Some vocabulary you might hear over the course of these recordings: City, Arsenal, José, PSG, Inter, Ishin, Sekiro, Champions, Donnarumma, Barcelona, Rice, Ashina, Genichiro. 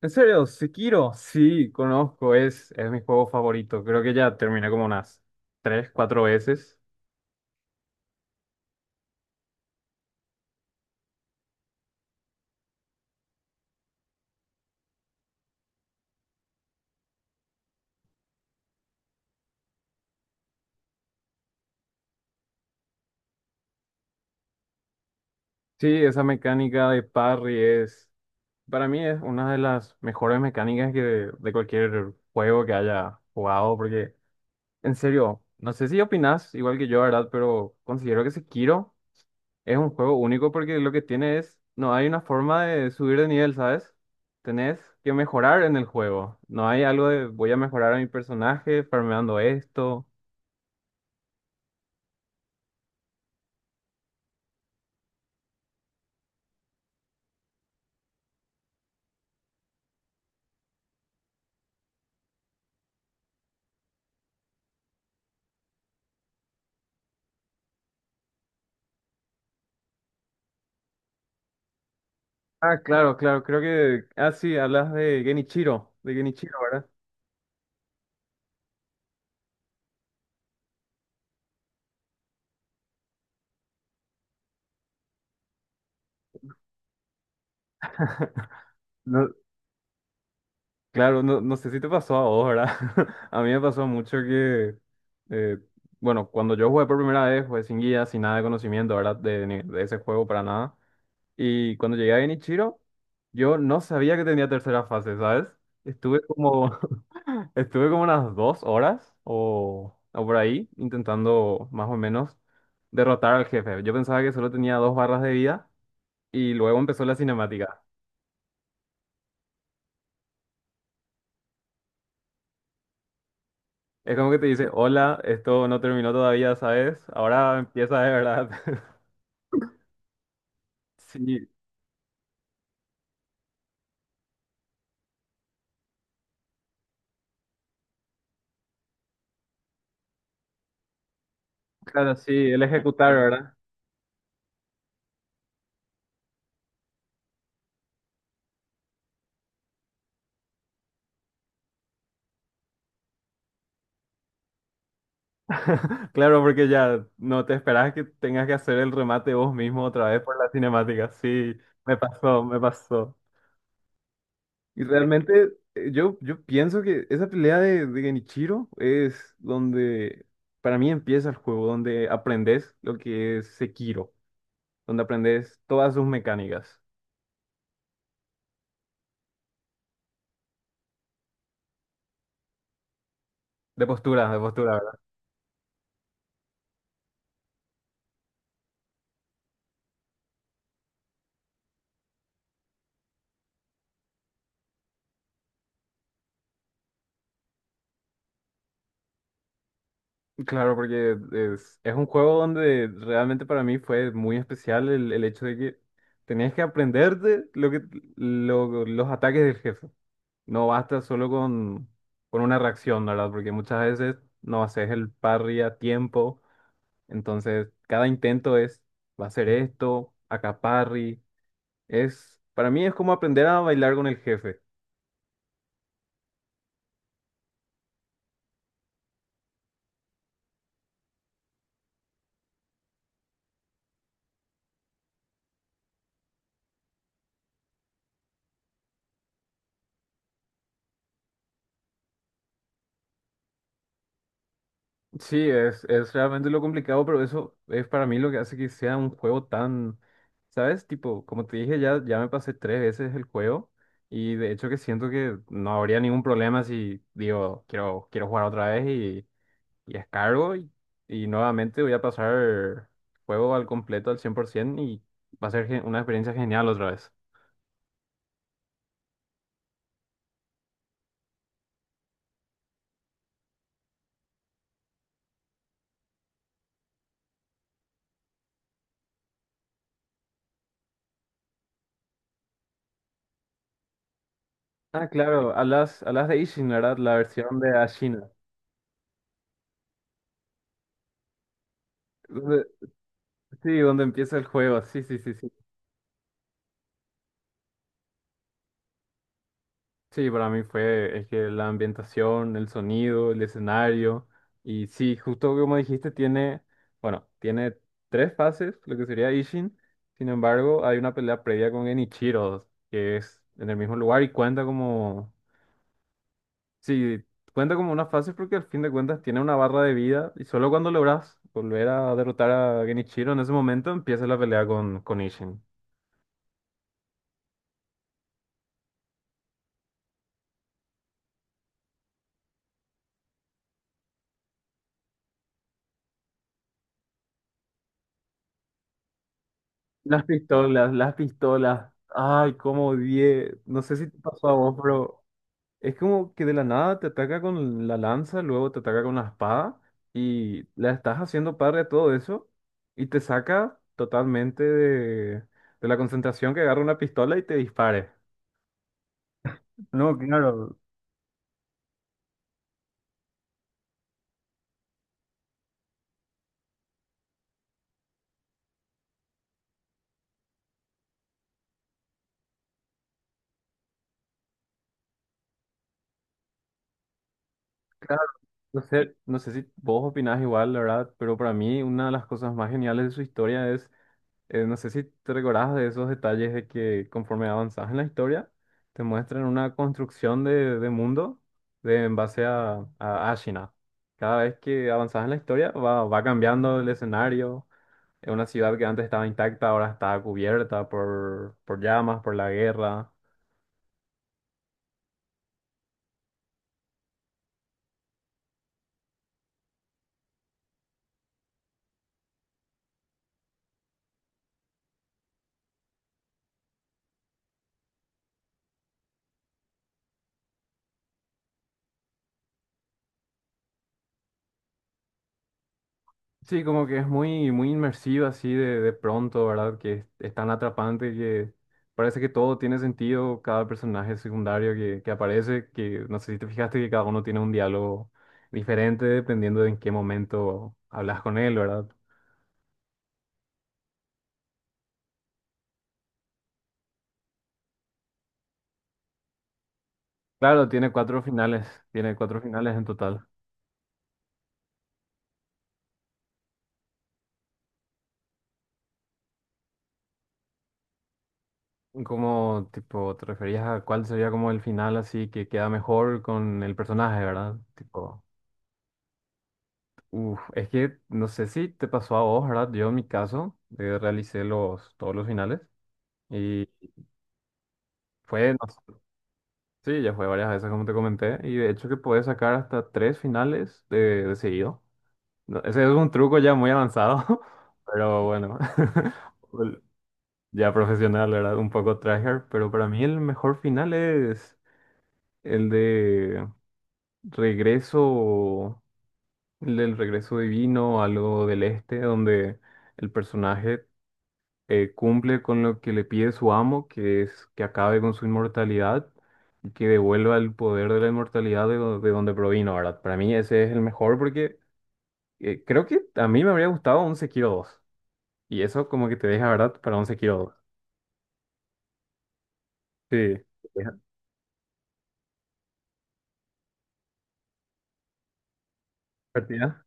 ¿En serio? ¿Sekiro? Sí, conozco, es mi juego favorito. Creo que ya terminé como unas tres, cuatro veces. Sí, esa mecánica de parry es, para mí es una de las mejores mecánicas que de cualquier juego que haya jugado, porque en serio, no sé si opinas igual que yo, ¿verdad? Pero considero que Sekiro es un juego único porque lo que tiene es, no hay una forma de subir de nivel, ¿sabes? Tenés que mejorar en el juego. No hay algo de voy a mejorar a mi personaje farmeando esto. Ah, claro, claro, creo que, ah, sí, hablas de Genichiro, ¿verdad? No, claro, no, no sé si te pasó a vos, ¿verdad? A mí me pasó mucho que, eh, bueno, cuando yo jugué por primera vez, jugué sin guía, sin nada de conocimiento, ¿verdad? De, de ese juego para nada. Y cuando llegué a Genichiro, yo no sabía que tenía tercera fase, ¿sabes? Estuve como, estuve como unas dos horas o por ahí intentando más o menos derrotar al jefe. Yo pensaba que solo tenía dos barras de vida y luego empezó la cinemática. Es como que te dice, hola, esto no terminó todavía, ¿sabes? Ahora empieza de verdad. Sí, claro, sí, el ejecutar, ¿verdad? Claro, porque ya no te esperas que tengas que hacer el remate vos mismo otra vez por la cinemática. Sí, me pasó, me pasó. Y realmente yo pienso que esa pelea de Genichiro es donde para mí empieza el juego, donde aprendes lo que es Sekiro, donde aprendes todas sus mecánicas. De postura, de postura. Claro, porque es un juego donde realmente para mí fue muy especial el hecho de que tenías que aprenderte lo que, los ataques del jefe. No basta solo con una reacción, ¿verdad? Porque muchas veces no haces el parry a tiempo. Entonces, cada intento es, va a ser esto, acá parry. Es, para mí es como aprender a bailar con el jefe. Sí, es realmente lo complicado, pero eso es para mí lo que hace que sea un juego tan, ¿sabes? Tipo, como te dije, ya, ya me pasé tres veces el juego y de hecho que siento que no habría ningún problema si digo, quiero, quiero jugar otra vez y descargo y nuevamente voy a pasar el juego al completo, al 100% y va a ser una experiencia genial otra vez. Ah, claro, hablas, hablas de Ishin, ¿verdad? La versión de Ashina. Donde- Sí, donde empieza el juego, sí, sí, sí, sí. Sí, para mí fue, es que la ambientación, el sonido, el escenario, y sí, justo como dijiste, tiene, bueno, tiene tres fases, lo que sería Ishin, sin embargo, hay una pelea previa con Genichiro, que es en el mismo lugar y cuenta como, sí, cuenta como una fase porque al fin de cuentas tiene una barra de vida y solo cuando logras volver a derrotar a Genichiro en ese momento empieza la pelea con Ishin. Las pistolas, ay, cómo odié, no sé si te pasó a vos, pero... Es como que de la nada te ataca con la lanza, luego te ataca con la espada y la estás haciendo padre a todo eso y te saca totalmente de la concentración que agarra una pistola y te dispare. No, claro, claro. No sé, no sé si vos opinás igual, la verdad, pero para mí una de las cosas más geniales de su historia es no sé si te recordabas de esos detalles de que conforme avanzas en la historia, te muestran una construcción de mundo de, en base a Ashina. Cada vez que avanzas en la historia va, va cambiando el escenario. Es una ciudad que antes estaba intacta, ahora está cubierta por llamas, por la guerra. Sí, como que es muy, muy inmersiva así de pronto, ¿verdad? Que es tan atrapante que parece que todo tiene sentido, cada personaje secundario que aparece, que no sé si te fijaste que cada uno tiene un diálogo diferente dependiendo de en qué momento hablas con él, ¿verdad? Claro, tiene cuatro finales en total. ¿Cómo, tipo, te referías a cuál sería como el final así que queda mejor con el personaje, ¿verdad? Tipo... Uf, es que no sé si te pasó a vos, ¿verdad? Yo en mi caso realicé los, todos los finales y fue, no sé, sí, ya fue varias veces como te comenté y de hecho que puedes sacar hasta tres finales de seguido. No, ese es un truco ya muy avanzado, pero bueno, el- ya profesional, ¿verdad? Un poco tryhard, pero para mí el mejor final es el de regreso, el del regreso divino, algo del este, donde el personaje cumple con lo que le pide su amo, que es que acabe con su inmortalidad y que devuelva el poder de la inmortalidad de, de donde provino, ¿verdad? Para mí ese es el mejor porque creo que a mí me habría gustado un Sekiro dos. Y eso como que te deja, ¿verdad? Para un Sekiro 2. Sí. Deja- ¿Partida?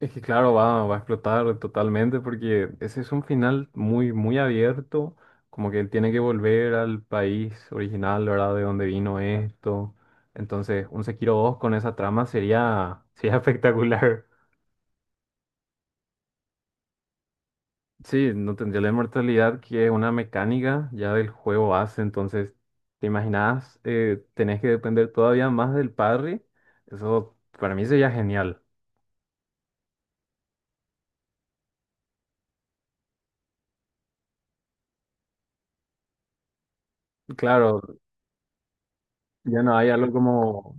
Es que claro, va, va a explotar totalmente porque ese es un final muy, muy abierto, como que él tiene que volver al país original, ¿verdad? De donde vino esto. Entonces, un Sekiro dos con esa trama sería, sería espectacular. Sí, no tendría la inmortalidad que es una mecánica ya del juego base, entonces, ¿te imaginas? Tenés que depender todavía más del parry. Eso para mí sería genial. Claro, ya no hay algo como...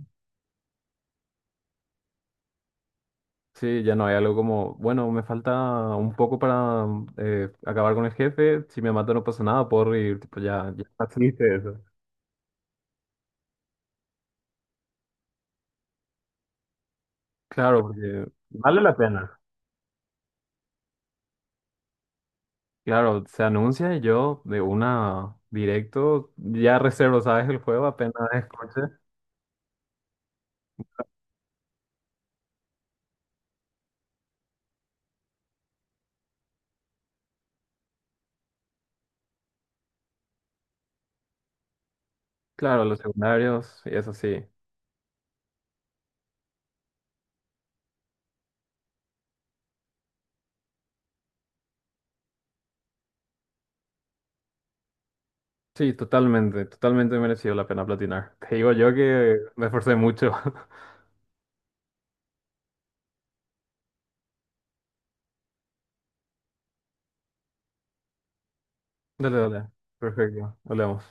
Sí, ya no hay algo como, bueno, me falta un poco para acabar con el jefe, si me mata no pasa nada, puedo reír, tipo, ya, ya está triste eso. Claro, porque vale la pena. Claro, se anuncia y yo de una directo, ya reservo, ¿sabes? El juego apenas escuche. Claro, los secundarios y eso sí. Sí, totalmente, totalmente merecido la pena platinar. Te digo yo que me esforcé mucho. Dale, dale. Perfecto, hablemos.